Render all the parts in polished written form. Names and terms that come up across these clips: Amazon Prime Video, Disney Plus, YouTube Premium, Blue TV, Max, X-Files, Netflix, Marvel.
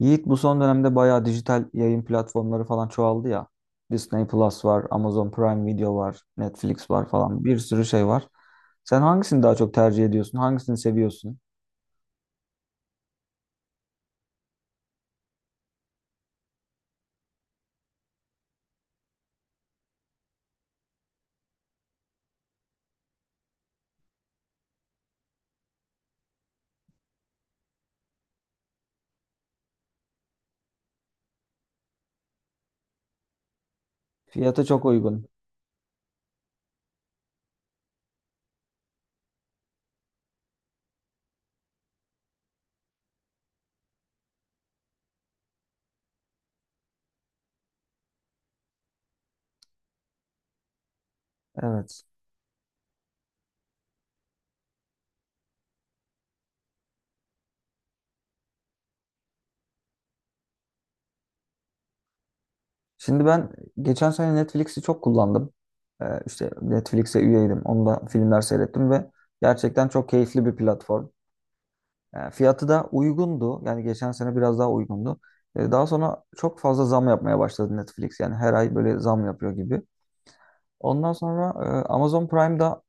Yiğit bu son dönemde bayağı dijital yayın platformları falan çoğaldı ya. Disney Plus var, Amazon Prime Video var, Netflix var falan bir sürü şey var. Sen hangisini daha çok tercih ediyorsun? Hangisini seviyorsun? Fiyatı çok uygun. Evet. Şimdi ben geçen sene Netflix'i çok kullandım. İşte Netflix'e üyeydim. Onda filmler seyrettim ve gerçekten çok keyifli bir platform. Fiyatı da uygundu. Yani geçen sene biraz daha uygundu. Daha sonra çok fazla zam yapmaya başladı Netflix. Yani her ay böyle zam yapıyor gibi. Ondan sonra Amazon Prime'da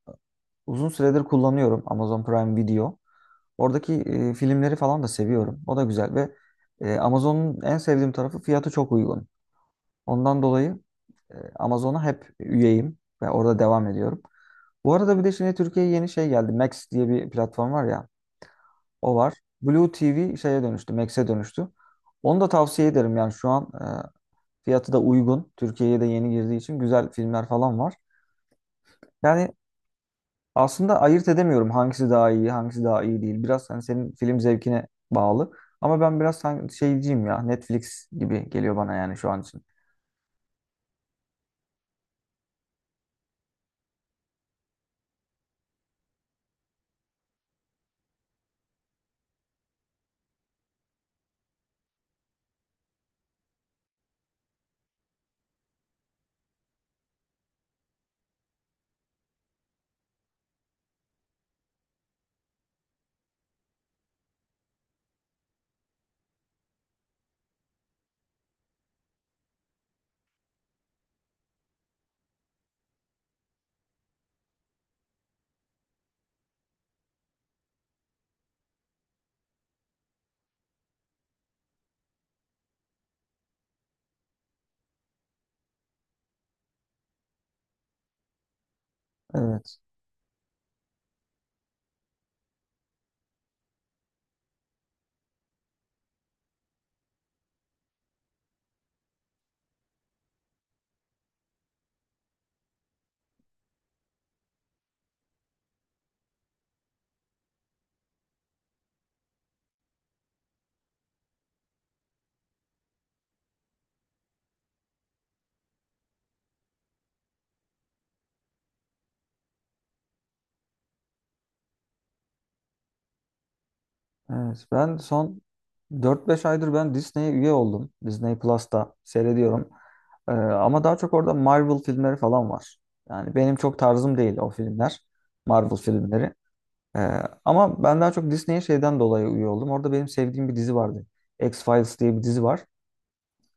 uzun süredir kullanıyorum Amazon Prime Video. Oradaki filmleri falan da seviyorum. O da güzel ve Amazon'un en sevdiğim tarafı fiyatı çok uygun. Ondan dolayı Amazon'a hep üyeyim ve orada devam ediyorum. Bu arada bir de şimdi Türkiye'ye yeni şey geldi. Max diye bir platform var ya. O var. Blue TV şeye dönüştü, Max'e dönüştü. Onu da tavsiye ederim. Yani şu an fiyatı da uygun. Türkiye'ye de yeni girdiği için güzel filmler falan var. Yani aslında ayırt edemiyorum hangisi daha iyi, hangisi daha iyi değil. Biraz hani senin film zevkine bağlı. Ama ben biraz şeyciyim ya. Netflix gibi geliyor bana yani şu an için. Evet. Evet, ben son dört beş aydır Disney'e üye oldum. Disney Plus'ta seyrediyorum. Ama daha çok orada Marvel filmleri falan var. Yani benim çok tarzım değil o filmler. Marvel filmleri. Ee, Ama ben daha çok Disney'e şeyden dolayı üye oldum. Orada benim sevdiğim bir dizi vardı. X-Files diye bir dizi var.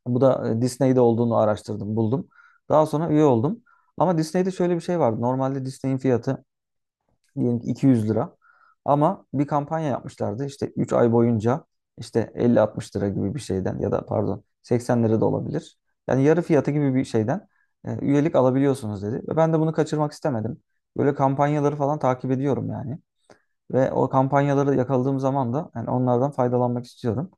Bu da Disney'de olduğunu araştırdım, buldum. Daha sonra üye oldum. Ama Disney'de şöyle bir şey vardı. Normalde Disney'in fiyatı diyelim ki 200 lira. Ama bir kampanya yapmışlardı işte 3 ay boyunca işte 50-60 lira gibi bir şeyden ya da pardon 80 lira da olabilir. Yani yarı fiyatı gibi bir şeyden üyelik alabiliyorsunuz dedi. Ve ben de bunu kaçırmak istemedim. Böyle kampanyaları falan takip ediyorum yani. Ve o kampanyaları yakaladığım zaman da yani onlardan faydalanmak istiyorum.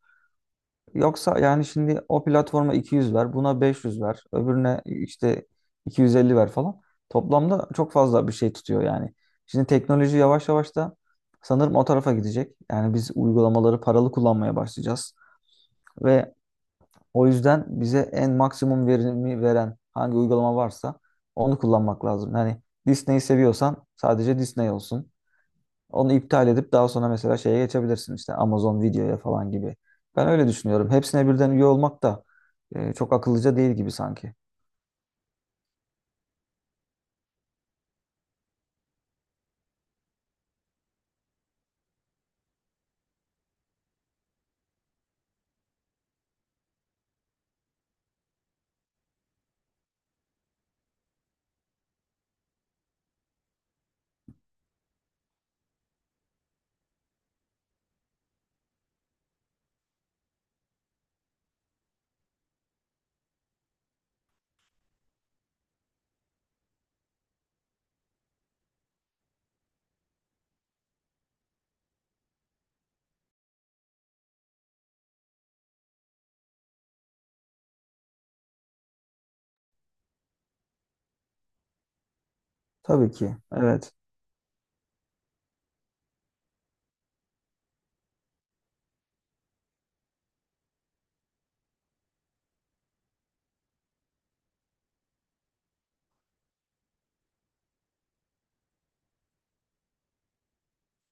Yoksa yani şimdi o platforma 200 ver, buna 500 ver, öbürüne işte 250 ver falan. Toplamda çok fazla bir şey tutuyor yani. Şimdi teknoloji yavaş yavaş da sanırım o tarafa gidecek. Yani biz uygulamaları paralı kullanmaya başlayacağız. Ve o yüzden bize en maksimum verimi veren hangi uygulama varsa onu kullanmak lazım. Yani Disney'i seviyorsan sadece Disney olsun. Onu iptal edip daha sonra mesela şeye geçebilirsin işte Amazon Video'ya falan gibi. Ben öyle düşünüyorum. Hepsine birden üye olmak da çok akıllıca değil gibi sanki. Tabii ki. Evet.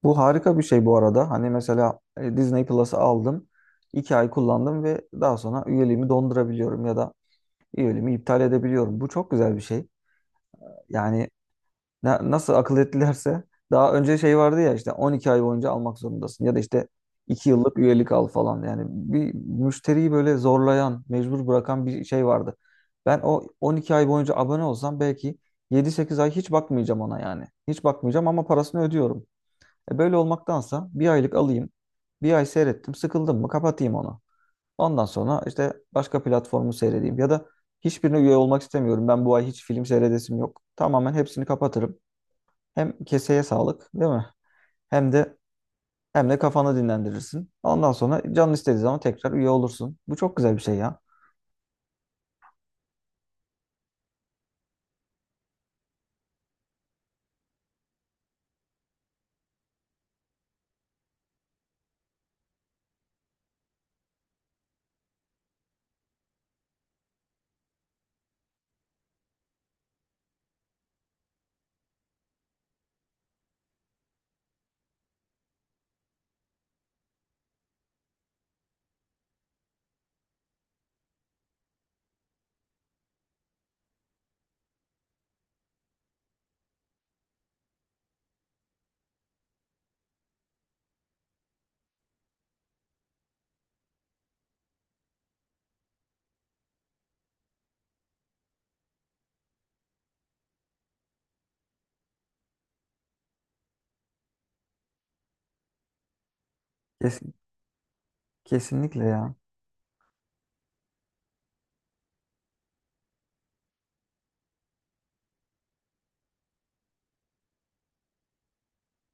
Bu harika bir şey bu arada. Hani mesela Disney Plus'ı aldım, iki ay kullandım ve daha sonra üyeliğimi dondurabiliyorum ya da üyeliğimi iptal edebiliyorum. Bu çok güzel bir şey. Yani nasıl akıl ettilerse daha önce şey vardı ya işte 12 ay boyunca almak zorundasın ya da işte 2 yıllık üyelik al falan. Yani bir müşteriyi böyle zorlayan, mecbur bırakan bir şey vardı. Ben o 12 ay boyunca abone olsam belki yedi sekiz ay hiç bakmayacağım ona yani. Hiç bakmayacağım ama parasını ödüyorum. E böyle olmaktansa bir aylık alayım. Bir ay seyrettim, sıkıldım mı kapatayım onu. Ondan sonra işte başka platformu seyredeyim ya da hiçbirine üye olmak istemiyorum. Ben bu ay hiç film seyredesim yok. Tamamen hepsini kapatırım. Hem keseye sağlık, değil mi? Hem de hem de kafanı dinlendirirsin. Ondan sonra canın istediği zaman tekrar üye olursun. Bu çok güzel bir şey ya. Kes- Kesinlikle ya.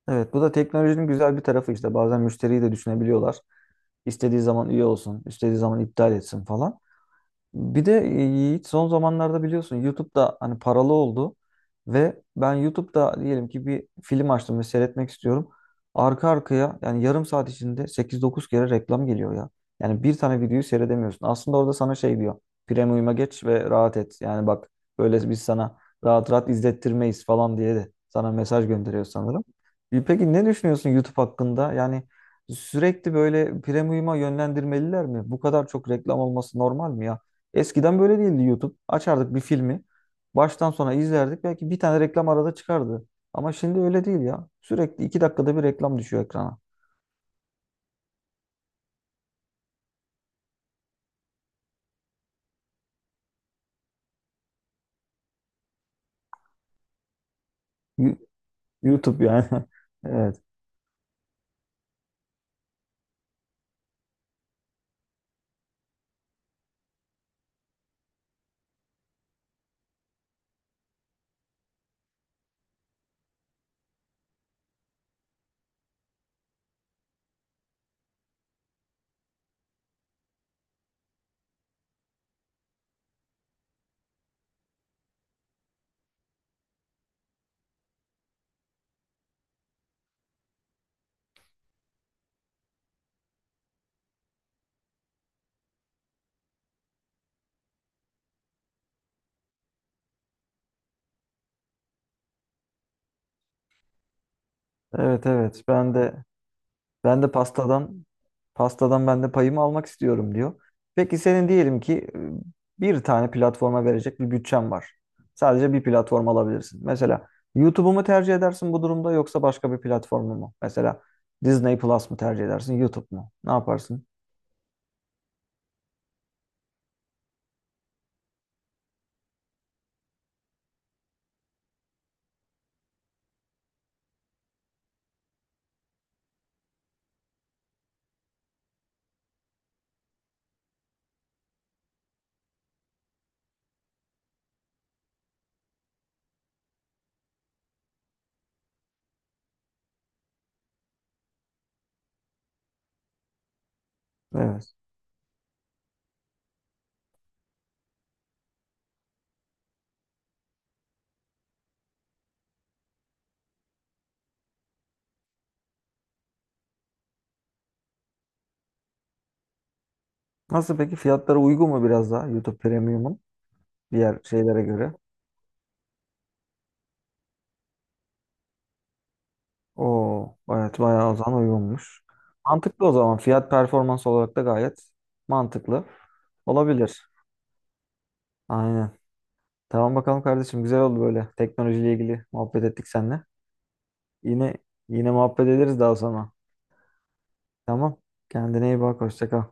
Evet, bu da teknolojinin güzel bir tarafı işte. Bazen müşteriyi de düşünebiliyorlar. İstediği zaman üye olsun, istediği zaman iptal etsin falan. Bir de Yiğit son zamanlarda biliyorsun YouTube'da hani paralı oldu ve ben YouTube'da diyelim ki bir film açtım ve seyretmek istiyorum. Arka arkaya yani yarım saat içinde 8-9 kere reklam geliyor ya. Yani bir tane videoyu seyredemiyorsun. Aslında orada sana şey diyor. Premium'a geç ve rahat et. Yani bak böyle biz sana rahat rahat izlettirmeyiz falan diye de sana mesaj gönderiyor sanırım. E peki ne düşünüyorsun YouTube hakkında? Yani sürekli böyle premium'a yönlendirmeliler mi? Bu kadar çok reklam olması normal mi ya? Eskiden böyle değildi YouTube. Açardık bir filmi. Baştan sona izlerdik. Belki bir tane reklam arada çıkardı. Ama şimdi öyle değil ya. Sürekli iki dakikada bir reklam düşüyor ekrana. Yu- YouTube yani. Evet. Evet evet. Ben de pastadan ben de payımı almak istiyorum diyor. Peki senin diyelim ki bir tane platforma verecek bir bütçen var. Sadece bir platform alabilirsin. Mesela YouTube'u mu tercih edersin bu durumda yoksa başka bir platformu mu? Mesela Disney Plus mu tercih edersin, YouTube mu? Ne yaparsın? Evet. Nasıl peki, fiyatları uygun mu biraz daha YouTube Premium'un diğer şeylere göre? Oo, evet bayağı o zaman uygunmuş. Mantıklı o zaman. Fiyat performans olarak da gayet mantıklı olabilir. Aynen. Tamam bakalım kardeşim. Güzel oldu böyle. Teknolojiyle ilgili muhabbet ettik seninle. Yine yine muhabbet ederiz daha sonra. Tamam. Kendine iyi bak. Hoşça kal.